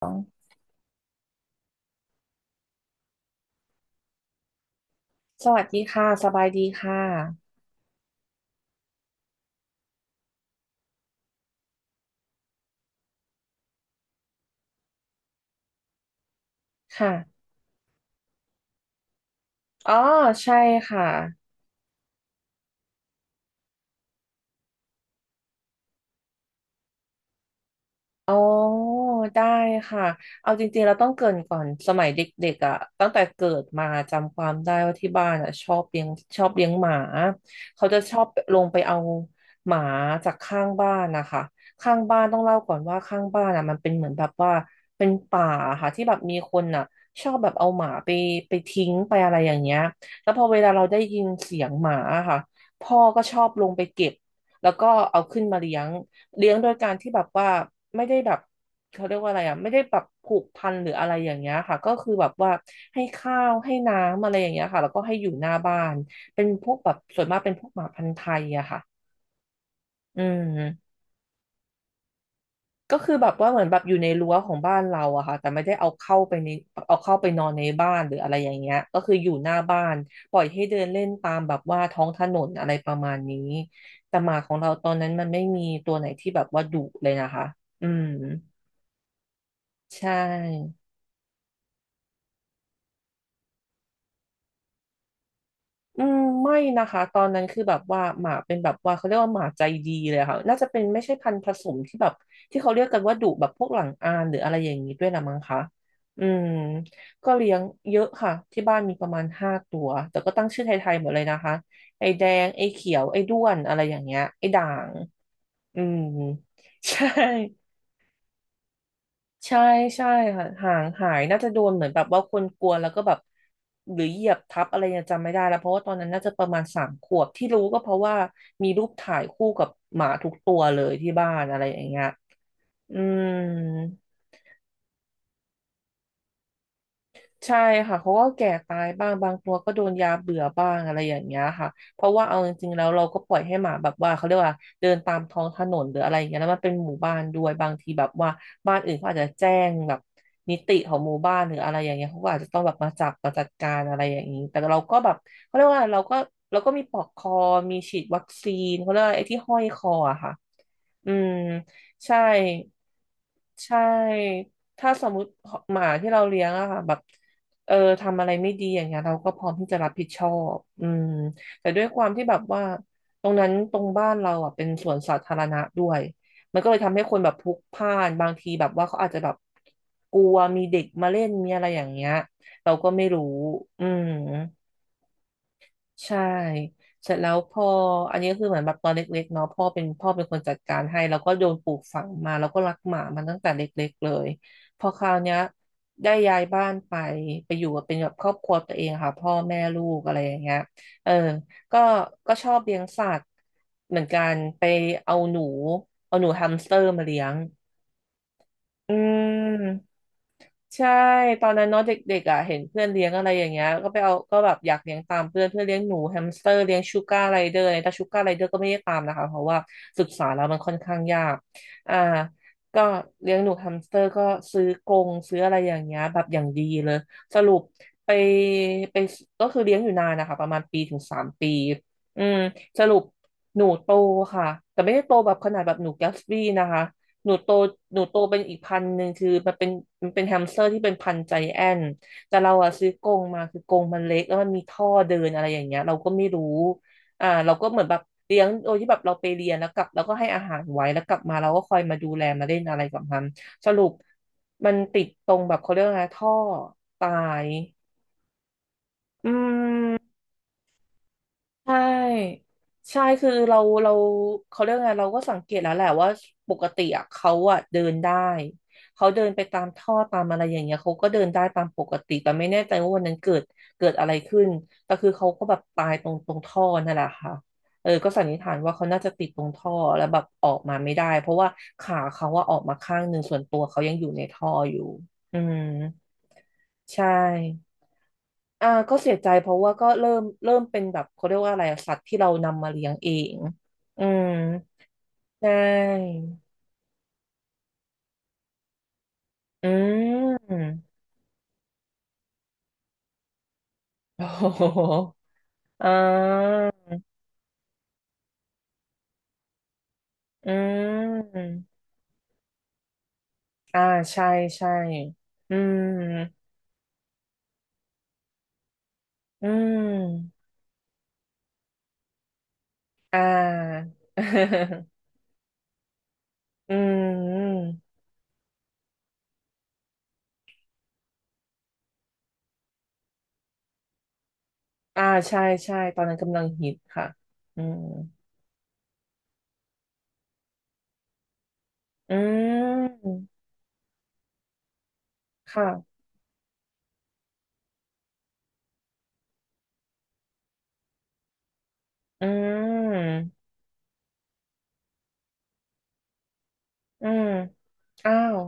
สองสวัสดีค่ะสบายดีค่ะค่ะ อ๋อ ใช่ค่ะ อ๋อได้ค่ะเอาจริงๆเราต้องเกริ่นก่อนสมัยเด็กๆอ่ะตั้งแต่เกิดมาจำความได้ว่าที่บ้านอ่ะชอบเลี้ยงหมาเขาจะชอบลงไปเอาหมาจากข้างบ้านนะคะข้างบ้านต้องเล่าก่อนว่าข้างบ้านอ่ะมันเป็นเหมือนแบบว่าเป็นป่าค่ะที่แบบมีคนอ่ะชอบแบบเอาหมาไปทิ้งไปอะไรอย่างเงี้ยแล้วพอเวลาเราได้ยินเสียงหมาค่ะพ่อก็ชอบลงไปเก็บแล้วก็เอาขึ้นมาเลี้ยง เลี้ยงโดยการที่แบบว่าไม่ได้แบบเขาเรียกว่าอะไรอ่ะไม่ได้แบบผูกพันหรืออะไรอย่างเงี้ยค่ะก็คือแบบว่าให้ข้าวให้น้ำอะไรอย่างเงี้ยค่ะแล้วก็ให้อยู่หน้าบ้านเป็นพวกแบบส่วนมากเป็นพวกหมาพันธุ์ไทยอะค่ะอืมก็คือแบบว่าเหมือนแบบอยู่ในรั้วของบ้านเราอะค่ะแต่ไม่ได้เอาเข้าไปนอนในบ้านหรืออะไรอย่างเงี้ยก็คืออยู่หน้าบ้านปล่อยให้เดินเล่นตามแบบว่าท้องถนนอะไรประมาณนี้แต่หมาของเราตอนนั้นมันไม่มีตัวไหนที่แบบว่าดุเลยนะคะอืม ใช่อืมไม่นะคะ ตอนนั้นคือแบบว่าหมาเป็นแบบว่าเขาเรียกว่าหมาใจดีเลยค่ะน่าจะเป็นไม่ใช่พันธุ์ผสมที่แบบที่เขาเรียกกันว่าดุแบบพวกหลังอานหรืออะไรอย่างนี้ด้วยละมั้งคะอืมก็เลี้ยงเยอะค่ะที่บ้านมีประมาณ5 ตัวแต่ก็ตั้งชื่อไทยๆหมดเลยนะคะ ไอ้แดงไอ้เขียวไอ้ด้วนอะไรอย่างเงี้ยไอ้ด่างอืม ใช่ ใช่ใช่ค่ะห่างหายน่าจะโดนเหมือนแบบว่าคนกลัวแล้วก็แบบหรือเหยียบทับอะไรเนี่ยจำไม่ได้แล้วเพราะว่าตอนนั้นน่าจะประมาณ3 ขวบที่รู้ก็เพราะว่ามีรูปถ่ายคู่กับหมาทุกตัวเลยที่บ้านอะไรอย่างเงี้ยอืม ใช่ค่ะเขาก็แก่ตายบ้างบางตัวก็โดนยาเบื่อบ้างอะไรอย่างเงี้ยค่ะเพราะว่าเอาจริงๆแล้วเราก็ปล่อยให้หมาแบบว่าเขาเรียกว่าเดินตามท้องถนนหรืออะไรอย่างเงี้ยแล้วมันเป็นหมู่บ้านด้วยบางทีแบบว่าบ้านอื่นเขาอาจจะแจ้งแบบนิติของหมู่บ้านหรืออะไรอย่างเงี้ยเขาก็อาจจะต้องแบบมาจับมาจัดการอะไรอย่างนี้แต่เราก็แบบเขาเรียกว่าเราก็มีปลอกคอมีฉีดวัคซีนเขาเรียกว่าไอ้ที่ห้อยคออะค่ะอืมใช่ใช่ถ้าสมมติหมาที่เราเลี้ยงอะค่ะแบบ เออทำอะไรไม่ดีอย่างเงี้ยเราก็พร้อมที่จะรับผิดชอบอืมแต่ด้วยความที่แบบว่าตรงนั้นตรงบ้านเราอ่ะเป็นสวนสาธารณะด้วยมันก็เลยทำให้คนแบบพลุกพล่านบางทีแบบว่าเขาอาจจะแบบกลัวมีเด็กมาเล่นมีอะไรอย่างเงี้ยเราก็ไม่รู้อืม ใช่เสร็จแล้วพ่ออันนี้ก็คือเหมือนแบบตอนเล็กๆเนาะพ่อเป็นคนจัดการให้แล้วก็โดนปลูกฝังมาแล้วก็รักหมามันตั้งแต่เล็กๆเลยพอคราวเนี้ยได้ย้ายบ้านไปอยู่กับเป็นแบบครอบครัวตัวเองค่ะพ่อแม่ลูกอะไรอย่างเงี้ยเออก็ก็ชอบเลี้ยงสัตว์เหมือนกันไปเอาหนูเอาหนูแฮมสเตอร์มาเลี้ยงอืม ใช่ตอนนั้นเนาะเด็กๆอ่ะเห็นเพื่อนเลี้ยงอะไรอย่างเงี้ยก็ไปเอาก็แบบอยากเลี้ยงตามเพื่อนเพื่อนเลี้ยงหนูแฮมสเตอร์เลี้ยงชูการ์ไรเดอร์อะไรแต่ชูการ์ไรเดอร์ก็ไม่ได้ตามนะคะเพราะว่าศึกษาแล้วมันค่อนข้างยากอ่าก็เลี้ยงหนูแฮมสเตอร์ก็ซื้อกรงซื้ออะไรอย่างเงี้ยแบบอย่างดีเลยสรุปไปไปก็คือเลี้ยงอยู่นานนะคะประมาณ1 ถึง 3 ปีอืมสรุปหนูโตค่ะแต่ไม่ได้โตแบบขนาดแบบหนูแกสบี้นะคะ หนูโตหนูโตเป็นอีกพันธุ์หนึ่งคือมันเป็นแฮมสเตอร์ที่เป็นพันธุ์ใจแอนท์แต่เราอะซื้อกรงมาคือกรงมันเล็กแล้วมันมีท่อเดินอะไรอย่างเงี้ยเราก็ไม่รู้เราก็เหมือนแบบเลี้ยงโดยที่แบบเราไปเรียนแล้วกลับเราก็ให้อาหารไว้แล้วกลับมาเราก็คอยมาดูแลมาเล่นอะไรกับมันสรุปมันติดตรงแบบเขาเรียกว่าไงท่อตายอืม ใช่ใช่คือเราเขาเรียกไงเราก็สังเกตแล้วแหละว่าปกติอะเขาอะเดินได้เขาเดินไปตามท่อตามอะไรอย่างเงี้ยเขาก็เดินได้ตามปกติแต่ไม่แน่ใจว่าวันนั้นเกิดอะไรขึ้นแต่คือเขาก็แบบตายตรงท่อนั่นแหละค่ะเออก็สันนิษฐานว่าเขาน่าจะติดตรงท่อแล้วแบบออกมาไม่ได้เพราะว่าขาเขาว่าอะออกมาข้างหนึ่งส่วนตัวเขายังอยู่ในท่ออยู่อืมใช่ อ่าก็เสียใจเพราะว่าก็เริ่มเป็นแบบเขาเรียกว่าอะไรอะสัตว์ที่เรานำมาเลี้ยงเอง อืม ใช่อืม โอ้โหอ่าอืมอ่าใช่ใช่อืมอืมอ่า อืมอ่าใช่ใช่ตอนนั้นกำลังฮิตค่ะอืมอืมค่ะอืมอืมอ้าว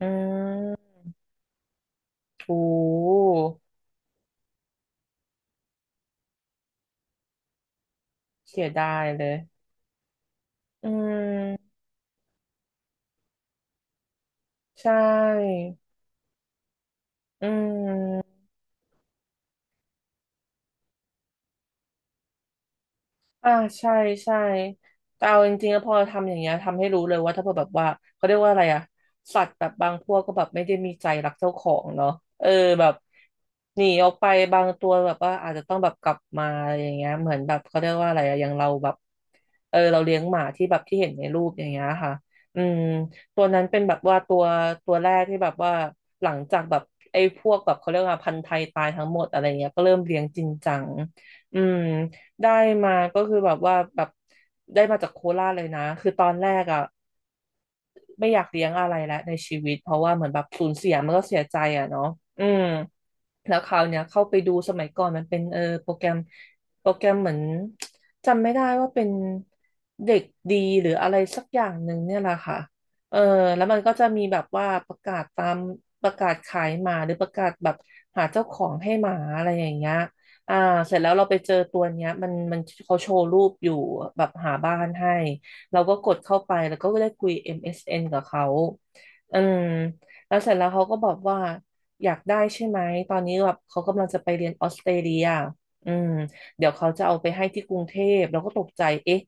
อืม โอ้เสียดายเลยอืมใช่อืม อ่าใช่ใช่แต่เอาจริงๆแล้วพอทำอย่างเงี้ยทำให้รู้เลยว่าถ้าเผื่อแบบว่าเขาเรียกว่าอะไรอะสัตว์แบบบางพวกก็แบบไม่ได้มีใจรักเจ้าของเนาะเออแบบหนีออกไปบางตัวแบบว่าอาจจะต้องแบบกลับมาอะไรอย่างเงี้ยเหมือนแบบเขาเรียกว่าอะไรอะอย่างเราแบบเราเลี้ยงหมาที่แบบที่เห็นในรูปอย่างเงี้ยค่ะอืมตัวนั้นเป็นแบบว่าตัวแรกที่แบบว่าหลังจากแบบไอ้พวกแบบเขาเรียกว่าพันธุ์ไทยตายทั้งหมดอะไรเงี้ยก็เริ่มเลี้ยงจริงจังอืม ได้มาก็คือแบบว่าแบบได้มาจากโคราชเลยนะคือตอนแรกอ่ะไม่อยากเลี้ยงอะไรแล้วในชีวิตเพราะว่าเหมือนแบบสูญเสียมันก็เสียใจอ่ะเนาะอืม แล้วคราวเนี้ยเข้าไปดูสมัยก่อนมันเป็นโปรแกรมเหมือนจำไม่ได้ว่าเป็นเด็กดีหรืออะไรสักอย่างหนึ่งเนี่ยแหละค่ะเออแล้วมันก็จะมีแบบว่าประกาศตามประกาศขายหมาหรือประกาศแบบหาเจ้าของให้หมาอะไรอย่างเงี้ยอ่าเสร็จแล้วเราไปเจอตัวเนี้ยมันเขาโชว์รูปอยู่แบบหาบ้านให้เราก็กดเข้าไปแล้วก็ได้คุย MSN กับเขาอืมแล้วเสร็จแล้วเขาก็บอกว่า อยากได้ใช่ไหมตอนนี้แบบเขากำลังจะไปเรียนออสเตรเลียอืมเดี๋ยวเขาจะเอาไปให้ที่กรุงเทพแล้วก็ตกใจเอ๊ะ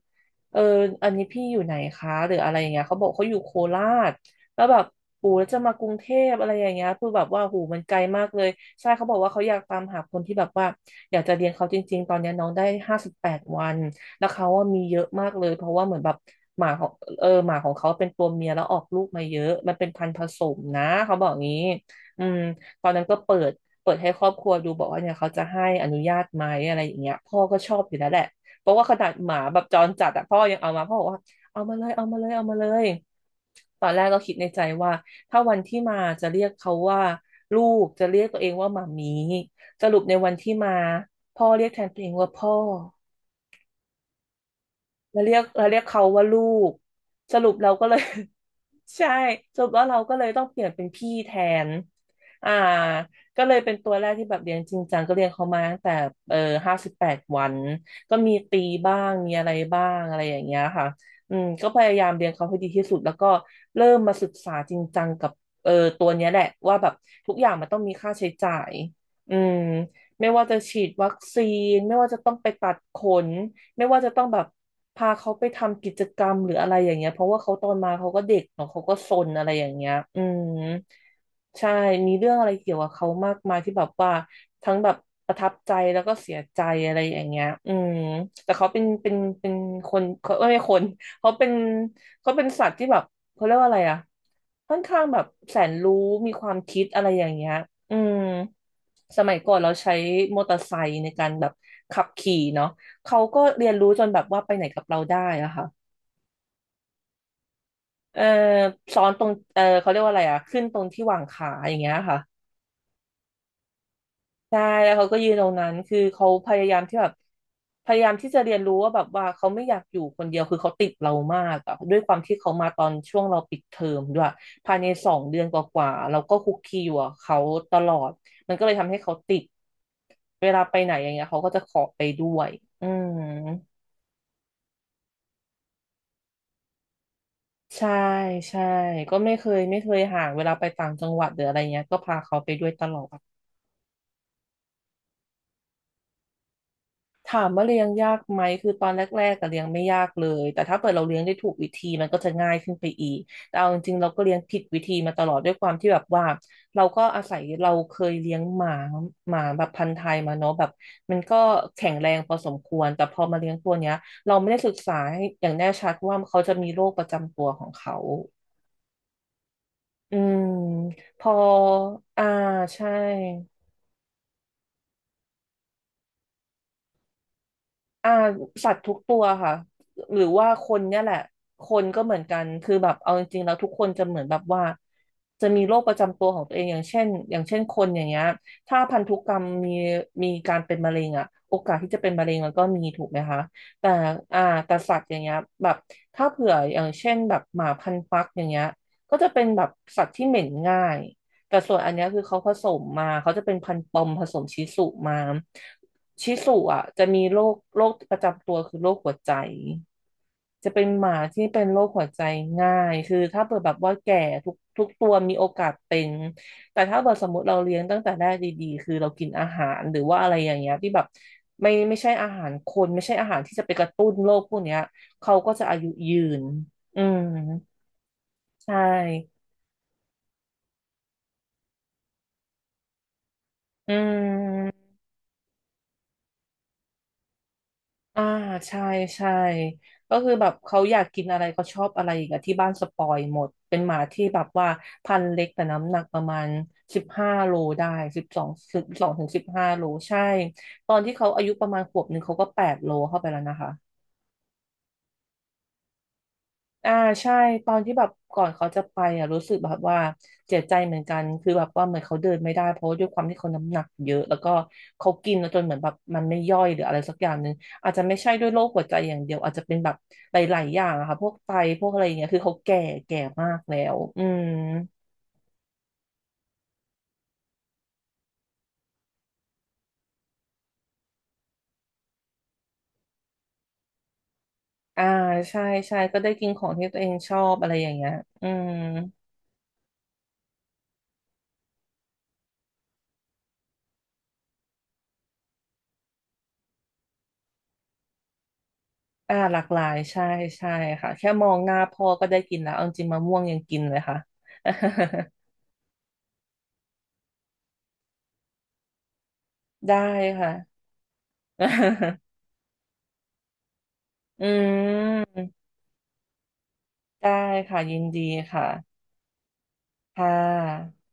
เอออันนี้พี่อยู่ไหนคะหรืออะไรอย่างเงี้ยเขาบอกเขาอยู่โคราชแล้วแบบปู่แล้วจะมากรุงเทพอะไรอย่างเงี้ยคือแบบว่าหูมันไกลมากเลยใช่เขาบอกว่าเขาอยากตามหาคนที่แบบว่าอยากจะเรียนเขาจริงๆตอนเนี้ยน้องได้ห้าสิบแปดวันแล้วเขาว่ามีเยอะมากเลยเพราะว่าเหมือนแบบหมาของหมาของเขาเป็นตัวเมียแล้วออกลูกมาเยอะมันเป็นพันธุ์ผสมนะเขาบอกงี้อืม ตอนนั้นก็เปิดให้ครอบครัวดูบอกว่าเนี่ยเขาจะให้อนุญาตไหมอะไรอย่างเงี้ยพ่อก็ชอบอยู่แล้วแหละเพราะว่าขนาดหมาแบบจรจัดอะพ่อยังเอามาพ่อบอกว่าเอามาเลยเอามาเลยตอนแรกก็คิดในใจว่าถ้าวันที่มาจะเรียกเขาว่าลูกจะเรียกตัวเองว่าหมามีสรุปในวันที่มาพ่อเรียกแทนตัวเองว่าพ่อ เราเรียกเขาว่าลูกสรุปเราก็เลย ใช่สรุปว่าเราก็เลยต้องเปลี่ยนเป็นพี่แทนอ่าก็เลยเป็นตัวแรกที่แบบเรียนจริงจังก็เรียนเขามาตั้งแต่เออห้าสิบแปดวันก็มีตีบ้างมีอะไรบ้างอะไรอย่างเงี้ยค่ะอืมก็พยายามเรียนเขาให้ดีที่สุดแล้วก็เริ่มมาศึกษาจริงจังกับเออตัวเนี้ยแหละว่าแบบทุกอย่างมันต้องมีค่าใช้จ่ายอืมไม่ว่าจะฉีดวัคซีนไม่ว่าจะต้องไปตัดขน ไม่ว่าจะต้องแบบพาเขาไปทำกิจกรรมหรืออะไรอย่างเงี้ยเพราะว่าเขาตอนมาเขาก็เด็กเนาะเขาก็ซนอะไรอย่างเงี้ยอืมใช่มีเรื่องอะไรเกี่ยวกับเขามากมายที่แบบว่าทั้งแบบประทับใจแล้วก็เสียใจอะไรอย่างเงี้ยอืมแต่เขาเป็นคนเขาไม่ใช่คนเขาเป็นเขาเป็นสัตว์ที่แบบเขาเรียกว่าอะไรอะค่อนข้างแบบแสนรู้มีความคิดอะไรอย่างเงี้ยอืมสมัยก่อนเราใช้มอเตอร์ไซค์ในการแบบขับขี่เนาะ เขาก็เรียนรู้จนแบบว่าไปไหนกับเราได้อะค่ะเออซ้อนตรงเขาเรียกว่าอะไรอะขึ้นตรงที่วางขาอย่างเงี้ยค่ะใช่แล้วเขาก็ยืนตรงนั้นคือเขาพยายามที่แบบพยายามที่จะเรียนรู้ว่าแบบว่าเขาไม่อยากอยู่คนเดียวคือเขาติดเรามากอะด้วยความที่เขามาตอนช่วงเราปิดเทอมด้วยภายใน2 เดือนกว่าๆเราก็คุกคีอยู่กับเขาตลอดมันก็เลยทำให้เขาติดเวลาไปไหนอย่างเงี้ยเขาก็จะขอไปด้วยอืม ใช่ใช่ก็ไม่เคยห่างเวลาไปต่างจังหวัดหรืออะไรเงี้ยก็พาเขาไปด้วยตลอดถามว่าเลี้ยงยากไหมคือตอนแรกๆก็เลี้ยงไม่ยากเลยแต่ถ้าเกิดเราเลี้ยงได้ถูกวิธีมันก็จะง่ายขึ้นไปอีกแต่เอาจริงๆเราก็เลี้ยงผิดวิธีมาตลอดด้วยความที่แบบว่าเราก็อาศัยเราเคยเลี้ยงหมาหมาแบบพันธุ์ไทยมาเนาะแบบมันก็แข็งแรงพอสมควรแต่พอมาเลี้ยงตัวเนี้ยเราไม่ได้ศึกษาให้อย่างแน่ชัดว่าเขาจะมีโรคประจำตัวของเขา อืมพออ่าใช่อ่าสัตว์ทุกตัวค่ะหรือว่าคนเนี่ยแหละคนก็เหมือนกันคือแบบเอาจริงๆแล้วทุกคนจะเหมือนแบบว่าจะมีโรคประจำตัวของตัวเองอย่างเช่นอย่างเช่นคนอย่างเงี้ยถ้าพันธุกรรมมีการเป็นมะเร็งอะโอกาสที่จะเป็นมะเร็งมันก็มีถูกไหมคะแต่อ่าแต่สัตว์อย่างเงี้ยแบบถ้าเผื่ออย่างเช่นแบบหมาพันธุ์ฟักอย่างเงี้ยก็จะเป็นแบบสัตว์ที่เหม็นง่าย แต่ส่วนอันเนี้ยคือเขาผสมมาเขาจะเป็นพันธุ์ปอมผสมชิสุมาชิสุอ่ะจะมีโรคประจำตัวคือโรคหัวใจจะเป็นหมาที่เป็นโรคหัวใจง่ายคือถ้าเปิดแบบว่าแก่ทุกตัวมีโอกาสเป็นแต่ถ้าเปิดสมมติเราเลี้ยงตั้งแต่แรกดีๆคือเรากินอาหารหรือว่าอะไรอย่างเงี้ยที่แบบไม่ใช่อาหารคนไม่ใช่อาหารที่จะไปกระตุ้นโรคพวกเนี้ยเขาก็จะอายุยืนอืมใช่อืม อ่าใช่ใช่ก็คือแบบเขาอยากกินอะไรเขาชอบอะไรอีกอะที่บ้านสปอยหมดเป็นหมาที่แบบว่าพันธุ์เล็กแต่น้ำหนักประมาณสิบห้าโลได้สิบสองถึงสิบห้าโลใช่ตอนที่เขาอายุประมาณ1 ขวบเขาก็8 โลเข้าไปแล้วนะคะ อ่าใช่ตอนที่แบบก่อนเขาจะไปอ่ะรู้สึกแบบว่าเจ็บใจเหมือนกันคือแบบว่าเหมือนเขาเดินไม่ได้เพราะว่าด้วยความที่เขาน้ำหนักเยอะแล้วก็เขากินแล้วจนเหมือนแบบมันไม่ย่อยหรืออะไรสักอย่างหนึ่งอาจจะไม่ใช่ด้วยโรคหัวใจอย่างเดียวอาจจะเป็นแบบหลายๆอย่างอะค่ะพวกไตพวกอะไรอย่างเงี้ยคือเขาแก่แก่มากแล้วอืมอ่าใช่ใช่ก็ได้กินของที่ตัวเองชอบอะไรอย่างเงี้ยอืมหลากหลายใช่ใช่ค่ะแค่มองหน้าพ่อก็ได้กินแล้วเอาจริงๆมะม่วงยังกินเลยค่ะ ได้ค่ะ อืมได้ค่ะยินดีค่ะค่ะ